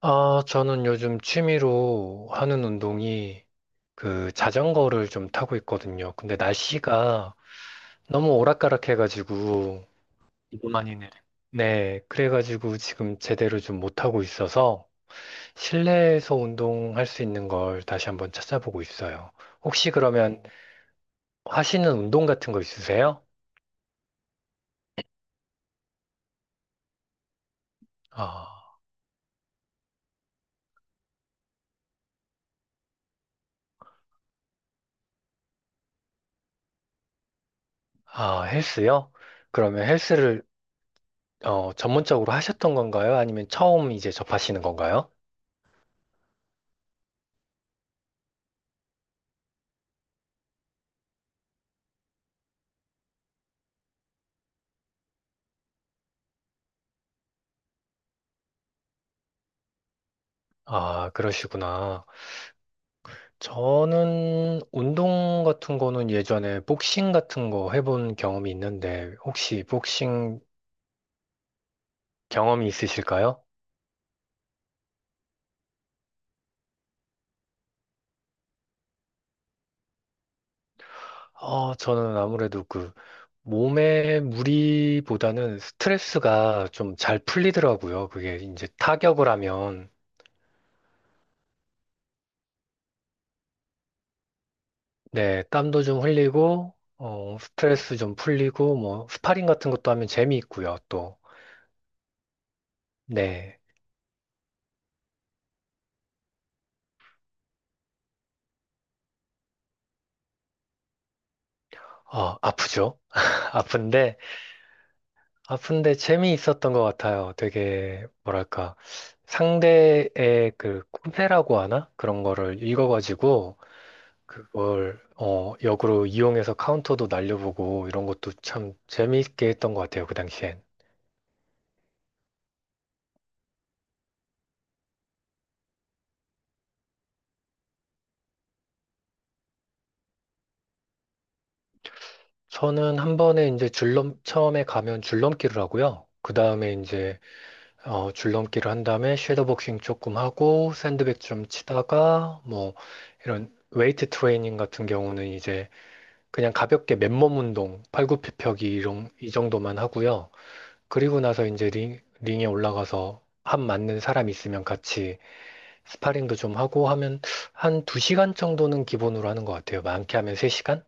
아, 저는 요즘 취미로 하는 운동이 그 자전거를 좀 타고 있거든요. 근데 날씨가 너무 오락가락해가지고, 이거 많이 내려. 네, 그래가지고 지금 제대로 좀 못하고 있어서 실내에서 운동할 수 있는 걸 다시 한번 찾아보고 있어요. 혹시 그러면 하시는 운동 같은 거 있으세요? 아, 아, 헬스요? 그러면 헬스를 전문적으로 하셨던 건가요? 아니면 처음 이제 접하시는 건가요? 아, 그러시구나. 저는 운동 같은 거는 예전에 복싱 같은 거 해본 경험이 있는데 혹시 복싱 경험이 있으실까요? 저는 아무래도 그 몸의 무리보다는 스트레스가 좀 잘 풀리더라고요. 그게 이제 타격을 하면. 네, 땀도 좀 흘리고 스트레스 좀 풀리고 뭐 스파링 같은 것도 하면 재미있고요. 또 네. 아프죠? 아픈데 아픈데 재미있었던 것 같아요. 되게, 뭐랄까, 상대의 그 꿈새라고 하나? 그런 거를 읽어가지고, 그걸, 역으로 이용해서 카운터도 날려보고, 이런 것도 참 재미있게 했던 것 같아요. 그 당시엔. 저는 한 번에 이제 줄넘, 처음에 가면 줄넘기를 하고요. 그 다음에 이제, 줄넘기를 한 다음에 섀도복싱 조금 하고, 샌드백 좀 치다가, 뭐, 이런 웨이트 트레이닝 같은 경우는 이제, 그냥 가볍게 맨몸 운동, 팔굽혀펴기 이 정도만 하고요. 그리고 나서 이제 링, 링에 올라가서 한 맞는 사람 있으면 같이 스파링도 좀 하고 하면 한 2시간 정도는 기본으로 하는 것 같아요. 많게 하면 3시간?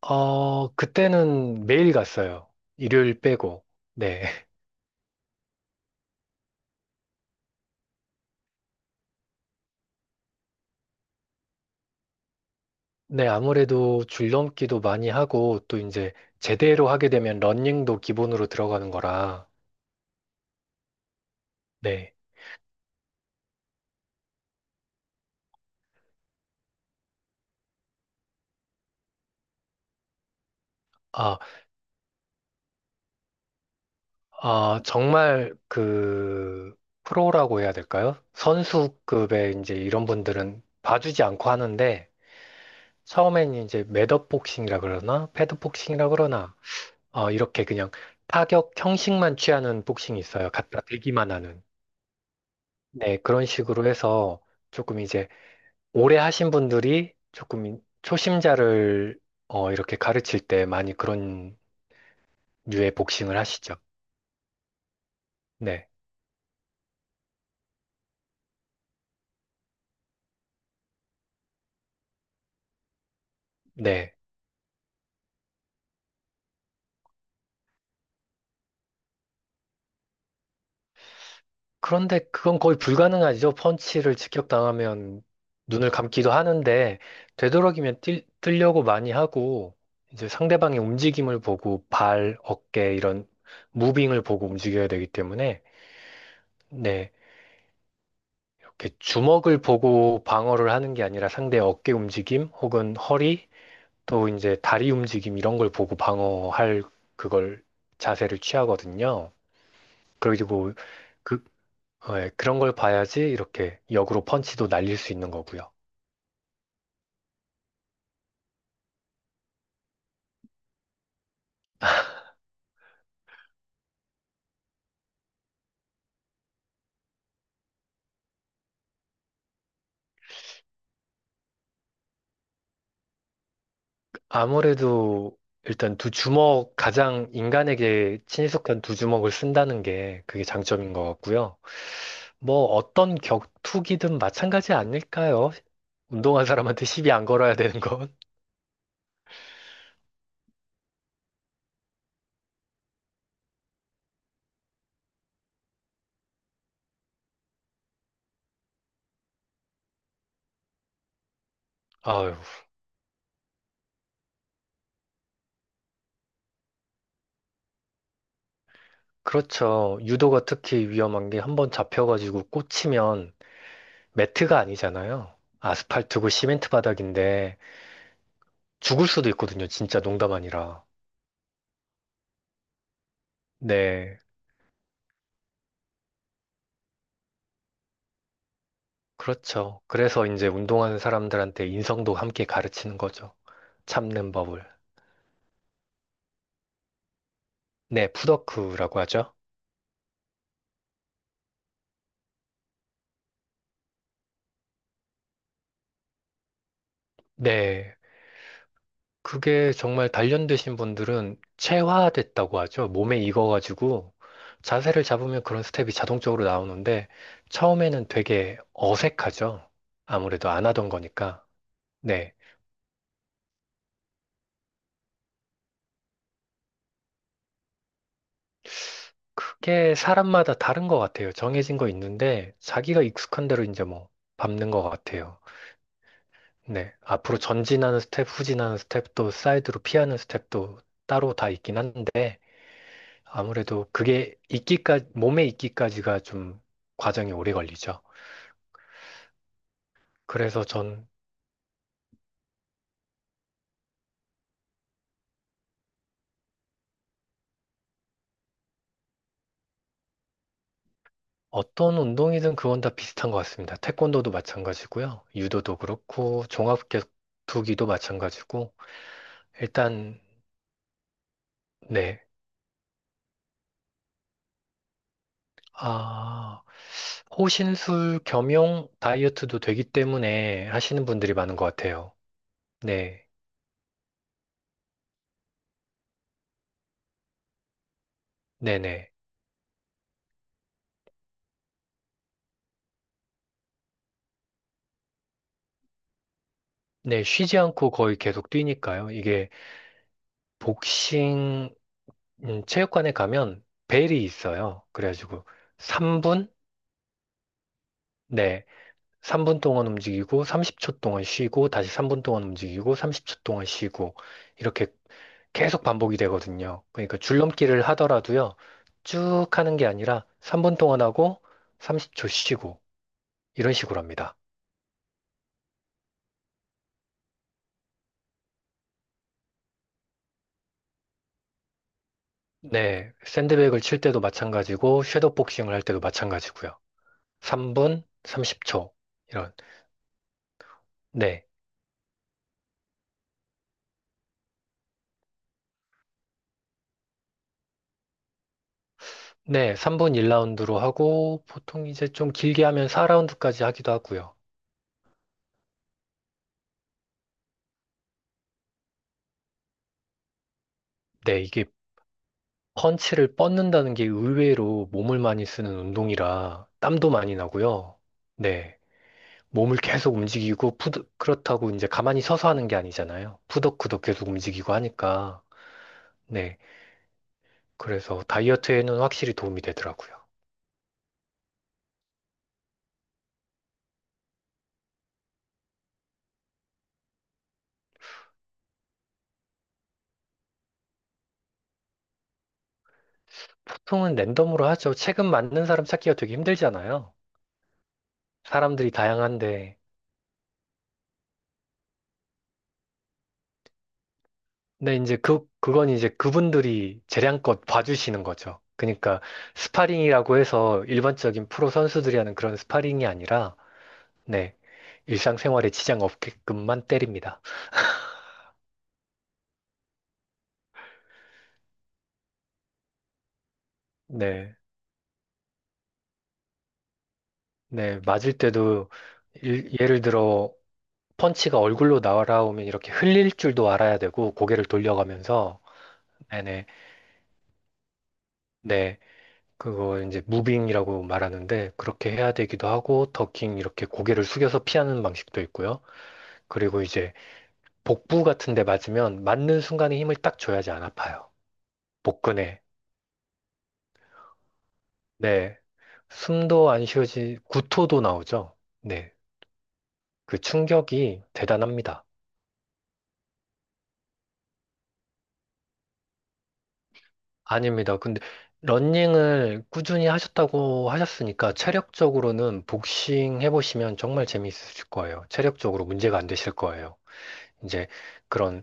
어, 그때는 매일 갔어요. 일요일 빼고. 네. 네, 아무래도 줄넘기도 많이 하고 또 이제 제대로 하게 되면 러닝도 기본으로 들어가는 거라. 네. 아, 정말 그 프로라고 해야 될까요? 선수급의 이제 이런 분들은 봐주지 않고 하는데 처음엔 이제 매업복싱이라 그러나 패드복싱이라 그러나 이렇게 그냥 타격 형식만 취하는 복싱이 있어요. 갖다 대기만 하는. 네, 그런 식으로 해서 조금 이제 오래 하신 분들이 조금 초심자를 이렇게 가르칠 때 많이 그런 류의 복싱을 하시죠. 네. 네. 그런데 그건 거의 불가능하죠. 펀치를 직격당하면 눈을 감기도 하는데, 되도록이면 뛰려고 많이 하고, 이제 상대방의 움직임을 보고, 발, 어깨, 이런 무빙을 보고 움직여야 되기 때문에, 네, 이렇게 주먹을 보고 방어를 하는 게 아니라 상대의 어깨 움직임, 혹은 허리, 또 이제 다리 움직임 이런 걸 보고 방어할 그걸 자세를 취하거든요. 그리고 그 예, 그런 걸 봐야지 이렇게 역으로 펀치도 날릴 수 있는 거고요. 아무래도 일단 두 주먹, 가장 인간에게 친숙한 두 주먹을 쓴다는 게 그게 장점인 것 같고요. 뭐 어떤 격투기든 마찬가지 아닐까요? 운동한 사람한테 시비 안 걸어야 되는 건. 아유, 그렇죠. 유도가 특히 위험한 게 한 번 잡혀가지고 꽂히면 매트가 아니잖아요. 아스팔트고 시멘트 바닥인데 죽을 수도 있거든요. 진짜 농담 아니라. 네. 그렇죠. 그래서 이제 운동하는 사람들한테 인성도 함께 가르치는 거죠. 참는 법을. 네, 푸더크라고 하죠. 네. 그게 정말 단련되신 분들은 체화됐다고 하죠. 몸에 익어가지고 자세를 잡으면 그런 스텝이 자동적으로 나오는데 처음에는 되게 어색하죠. 아무래도 안 하던 거니까. 네. 그게 사람마다 다른 것 같아요. 정해진 거 있는데 자기가 익숙한 대로 이제 뭐 밟는 것 같아요. 네. 앞으로 전진하는 스텝, 후진하는 스텝도 사이드로 피하는 스텝도 따로 다 있긴 한데 아무래도 그게 익기까지 몸에 익기까지가 좀 과정이 오래 걸리죠. 그래서 전 어떤 운동이든 그건 다 비슷한 것 같습니다. 태권도도 마찬가지고요. 유도도 그렇고 종합격투기도 마찬가지고 일단 네. 아, 호신술 겸용 다이어트도 되기 때문에 하시는 분들이 많은 것 같아요. 네. 네네. 네, 쉬지 않고 거의 계속 뛰니까요. 이게 복싱 체육관에 가면 벨이 있어요. 그래가지고 3분? 네. 3분 동안 움직이고 30초 동안 쉬고 다시 3분 동안 움직이고 30초 동안 쉬고 이렇게 계속 반복이 되거든요. 그러니까 줄넘기를 하더라도요. 쭉 하는 게 아니라 3분 동안 하고 30초 쉬고 이런 식으로 합니다. 네. 샌드백을 칠 때도 마찬가지고 섀도우 복싱을 할 때도 마찬가지고요. 3분 30초. 이런. 네. 네, 3분 1라운드로 하고, 보통 이제 좀 길게 하면 4라운드까지 하기도 하고요. 네, 이게 펀치를 뻗는다는 게 의외로 몸을 많이 쓰는 운동이라 땀도 많이 나고요. 네. 몸을 계속 움직이고, 푸드, 그렇다고 이제 가만히 서서 하는 게 아니잖아요. 푸덕푸덕 계속 움직이고 하니까. 네. 그래서 다이어트에는 확실히 도움이 되더라고요. 보통은 랜덤으로 하죠. 체급 맞는 사람 찾기가 되게 힘들잖아요. 사람들이 다양한데. 근데 이제 그건 이제 그분들이 재량껏 봐주시는 거죠. 그러니까 스파링이라고 해서 일반적인 프로 선수들이 하는 그런 스파링이 아니라, 네, 일상생활에 지장 없게끔만 때립니다. 네, 네, 맞을 때도 예를 들어 펀치가 얼굴로 날아오면 이렇게 흘릴 줄도 알아야 되고 고개를 돌려가면서, 네네, 네, 그거 이제 무빙이라고 말하는데 그렇게 해야 되기도 하고 더킹 이렇게 고개를 숙여서 피하는 방식도 있고요. 그리고 이제 복부 같은 데 맞으면 맞는 순간에 힘을 딱 줘야지 안 아파요. 복근에. 네. 숨도 안 쉬어지, 구토도 나오죠. 네. 그 충격이 대단합니다. 아닙니다. 근데 러닝을 꾸준히 하셨다고 하셨으니까 체력적으로는 복싱 해보시면 정말 재미있으실 거예요. 체력적으로 문제가 안 되실 거예요. 이제 그런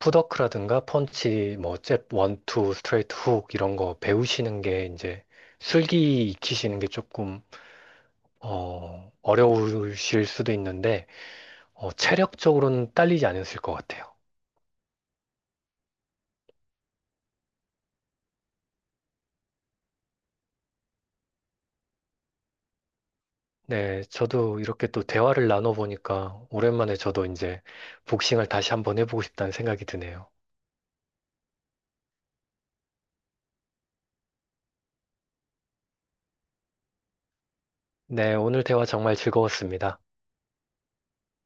풋워크라든가 펀치, 뭐, 잽, 원, 투, 스트레이트, 훅 이런 거 배우시는 게 이제 술기 익히시는 게 조금 어려우실 수도 있는데, 체력적으로는 딸리지 않으실 것 같아요. 네, 저도 이렇게 또 대화를 나눠보니까 오랜만에 저도 이제 복싱을 다시 한번 해보고 싶다는 생각이 드네요. 네, 오늘 대화 정말 즐거웠습니다.